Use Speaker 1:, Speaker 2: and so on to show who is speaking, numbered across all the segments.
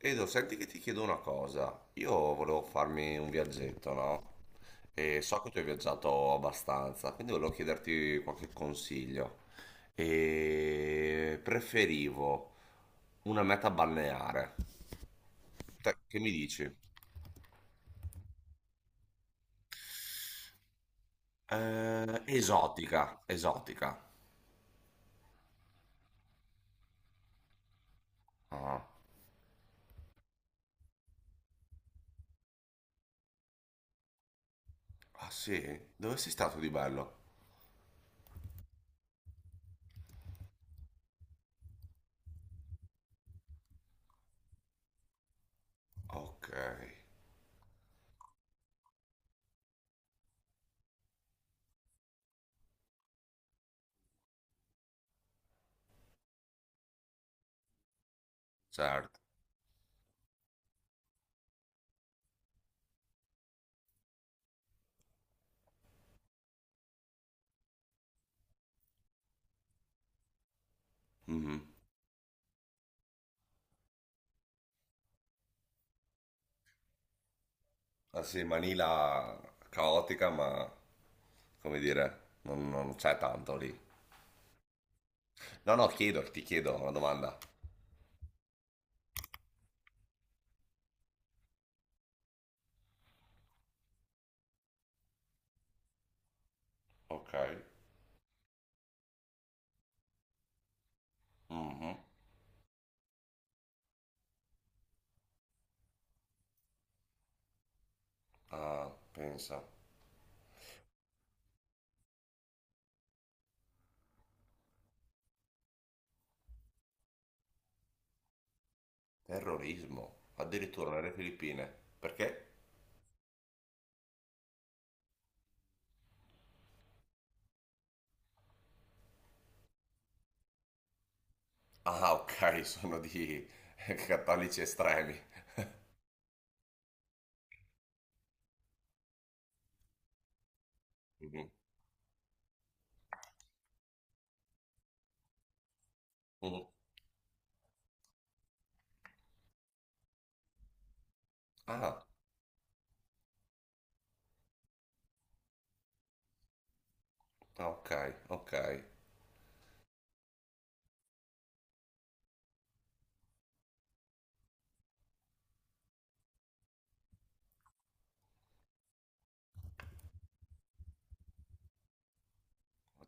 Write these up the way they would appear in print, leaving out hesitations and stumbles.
Speaker 1: Edo, senti che ti chiedo una cosa. Io volevo farmi un viaggetto, no? E so che tu hai viaggiato abbastanza, quindi volevo chiederti qualche consiglio. E preferivo una meta balneare. Che mi dici? Esotica, esotica. Ah. Ah sì? Dove sei stato di bello? Ok, certo. Mhm. Ah sì, Manila caotica, ma come dire, non c'è tanto lì. No, no, ti chiedo una domanda. Ok. Mhm. Ah, pensa. Terrorismo. Addirittura nelle Filippine. Perché? Ah, ok, sono di cattolici estremi. Mhm. Mhm. Ah, ok, ok.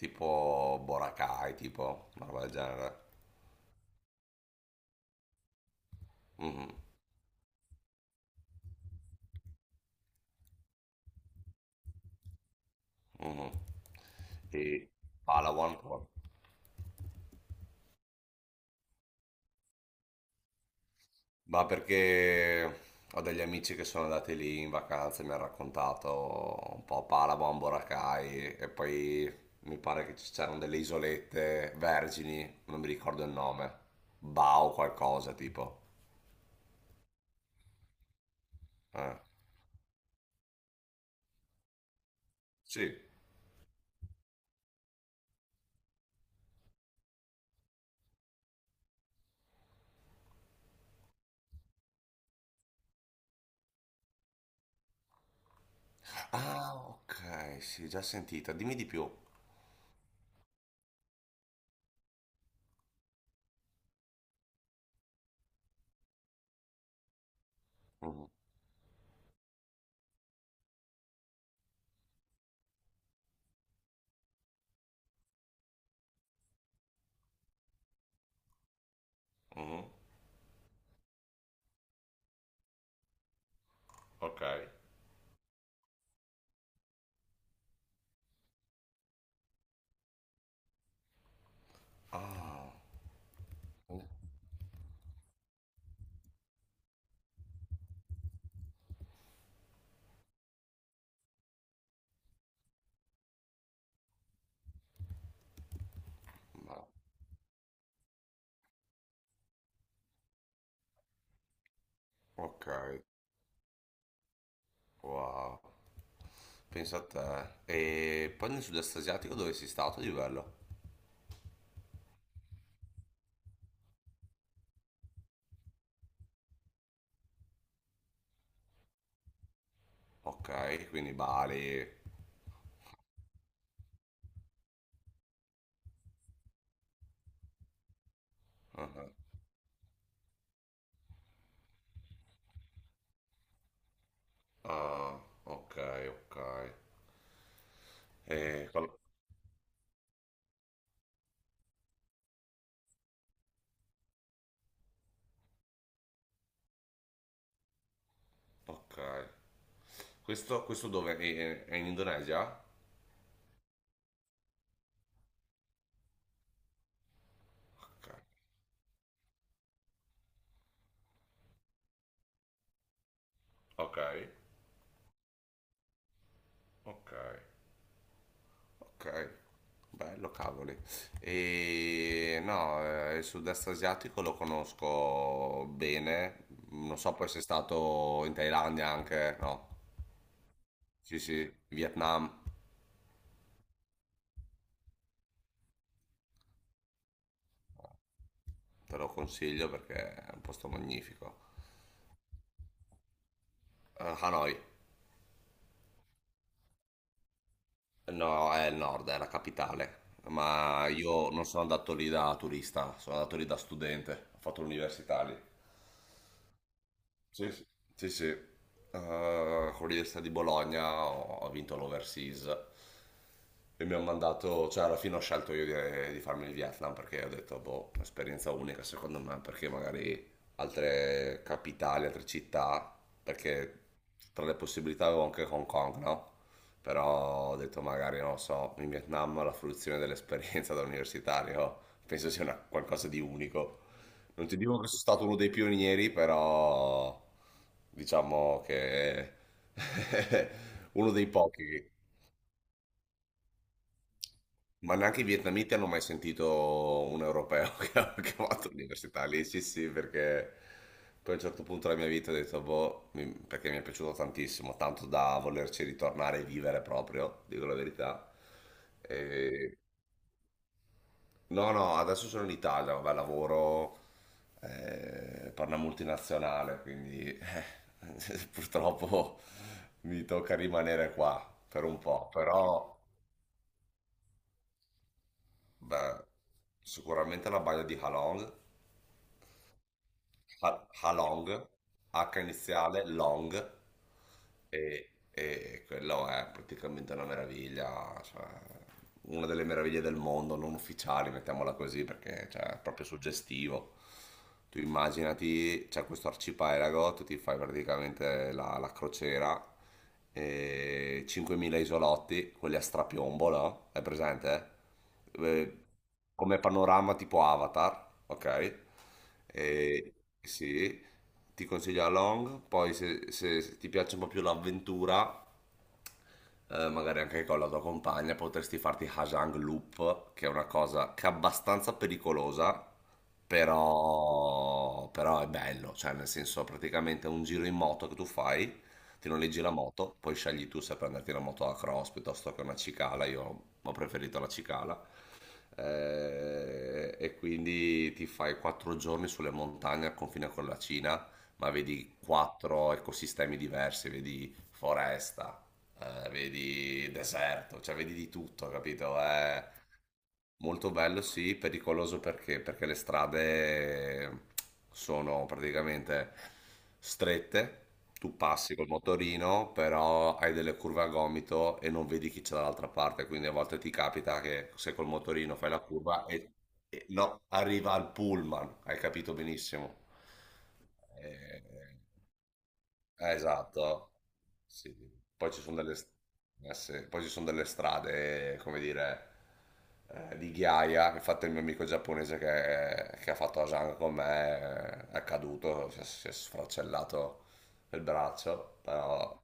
Speaker 1: Tipo Boracay, tipo una roba del genere. Mhm, mhm. E Palawan. Ma perché ho degli amici che sono andati lì in vacanza e mi hanno raccontato un po' Palabo, Amboracay e poi mi pare che ci c'erano delle isolette vergini, non mi ricordo il nome, Bao qualcosa tipo. Eh, sì. Ah, ok, sì, già sentita, dimmi di più. Mhm, mhm, ok. Ah, ma- ok, wow, pensa a te. E poi nel sud-est asiatico dove sei stato di bello? Ok, quindi Bali. Ah, ah, ok, ok. E qual- ok. Questo dove? È in Indonesia? Ok, ok, ok, ok. Bello, cavoli. E no, il sud-est asiatico lo conosco bene. Non so poi se è stato in Thailandia anche, no. Sì, sì, Vietnam, te lo consiglio perché è un posto magnifico. Hanoi. No, è il nord, è la capitale. Ma io non sono andato lì da turista, sono andato lì da studente. Ho fatto l'università lì. Sì, sì, sì. Sì. Con l'Università di Bologna ho vinto l'Overseas e mi hanno mandato, cioè alla fine ho scelto io di farmi il Vietnam perché ho detto, boh, un'esperienza unica secondo me, perché magari altre capitali, altre città, perché tra le possibilità avevo anche Hong Kong, no? Però ho detto magari, non lo so, in Vietnam la fruizione dell'esperienza da universitario penso sia qualcosa di unico. Non ti dico che sono stato uno dei pionieri, però diciamo che uno dei pochi. Ma neanche i vietnamiti hanno mai sentito un europeo che ha fatto l'università lì, sì sì, perché poi a un certo punto della mia vita ho detto, boh, perché mi è piaciuto tantissimo, tanto da volerci ritornare e vivere proprio, dico la verità. E- No, no, adesso sono in Italia, vabbè, lavoro per una multinazionale, quindi purtroppo mi tocca rimanere qua per un po', però beh, sicuramente la baia di Halong. Halong, H iniziale, Long, e quello è praticamente una meraviglia, cioè una delle meraviglie del mondo, non ufficiali, mettiamola così, perché cioè, è proprio suggestivo. Tu immaginati, c'è questo arcipelago, tu ti fai praticamente la crociera, e 5.000 isolotti, quelli a strapiombo, no? È presente? Eh, Come panorama tipo Avatar, ok? E, sì, ti consiglio la Long, poi se ti piace un po' più l'avventura, magari anche con la tua compagna, potresti farti Hajang Loop, che è una cosa che è abbastanza pericolosa, però è bello, cioè nel senso praticamente è un giro in moto che tu fai, ti noleggi la moto, poi scegli tu se prenderti una moto a cross piuttosto che una cicala, io ho preferito la cicala. E quindi ti fai 4 giorni sulle montagne al confine con la Cina, ma vedi quattro ecosistemi diversi, vedi foresta, vedi deserto, cioè vedi di tutto, capito? È molto bello, sì, pericoloso perché le strade sono praticamente strette, tu passi col motorino, però hai delle curve a gomito e non vedi chi c'è dall'altra parte, quindi a volte ti capita che se col motorino fai la curva no, arriva al pullman, hai capito benissimo. Eh, esatto. Sì. Sì. Poi ci sono delle, sì. Poi ci sono delle strade, come dire, di ghiaia. Infatti il mio amico giapponese che ha fatto Asan con me è caduto, si è sfracellato il braccio. Però...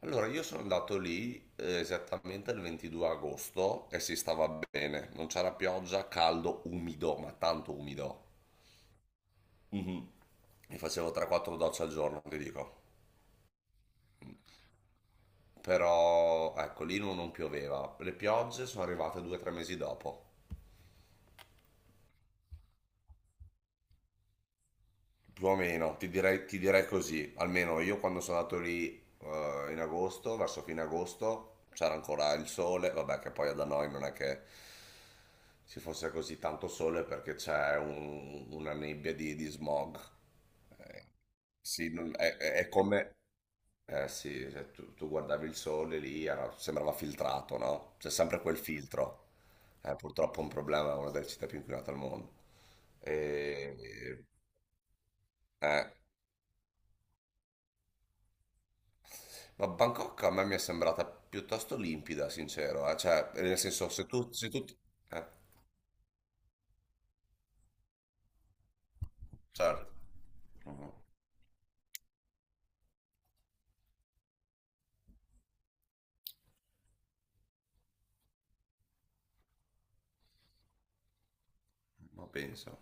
Speaker 1: Allora, io sono andato lì esattamente il 22 agosto e si stava bene. Non c'era pioggia, caldo, umido, ma tanto umido. Mhm. Mi facevo 3-4 docce al giorno, ti dico. Però ecco, lì non pioveva. Le piogge sono arrivate 2 o 3 mesi dopo. Più o meno, ti direi così. Almeno io quando sono andato lì in agosto, verso fine agosto, c'era ancora il sole. Vabbè, che poi da noi non è che ci fosse così tanto sole perché c'è una nebbia di smog. Eh, sì, è come, eh sì, cioè, tu guardavi il sole lì, sembrava filtrato, no? C'è sempre quel filtro. È purtroppo un problema, è una delle città più inquinate al mondo. E- eh. Ma Bangkok a me mi è sembrata piuttosto limpida, sincero. Cioè, nel senso, se tu eh, certo. Mhm. Ma penso,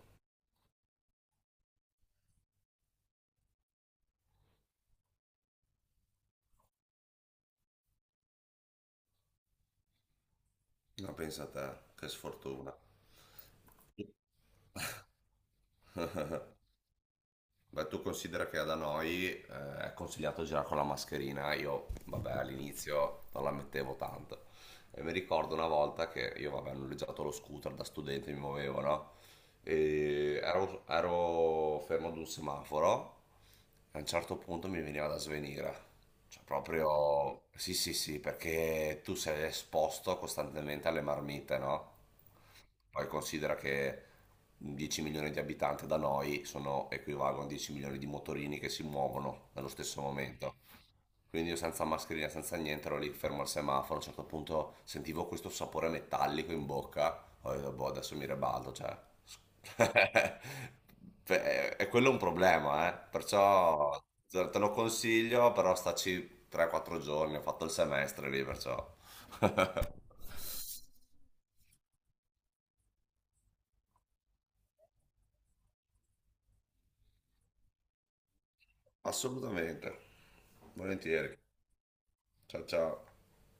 Speaker 1: ma pensa a te, che sfortuna. Beh, tu considera che da noi è consigliato girare con la mascherina, io vabbè all'inizio non la mettevo tanto. E mi ricordo una volta che io vabbè ho noleggiato lo scooter da studente, mi muovevo, no? E ero fermo ad un semaforo e a un certo punto mi veniva da svenire. Cioè proprio... Sì, sì, sì, perché tu sei esposto costantemente alle marmite, no? Poi considera che 10 milioni di abitanti da noi sono, equivalgono a 10 milioni di motorini che si muovono nello stesso momento. Quindi io senza mascherina, senza niente, ero lì fermo al semaforo. A un certo punto sentivo questo sapore metallico in bocca. Ho detto, boh, adesso mi ribalto, cioè... Beh, e quello è un problema, eh. Perciò te lo consiglio, però staci 3-4 giorni. Ho fatto il semestre lì, perciò... Assolutamente. Volentieri. Ciao ciao.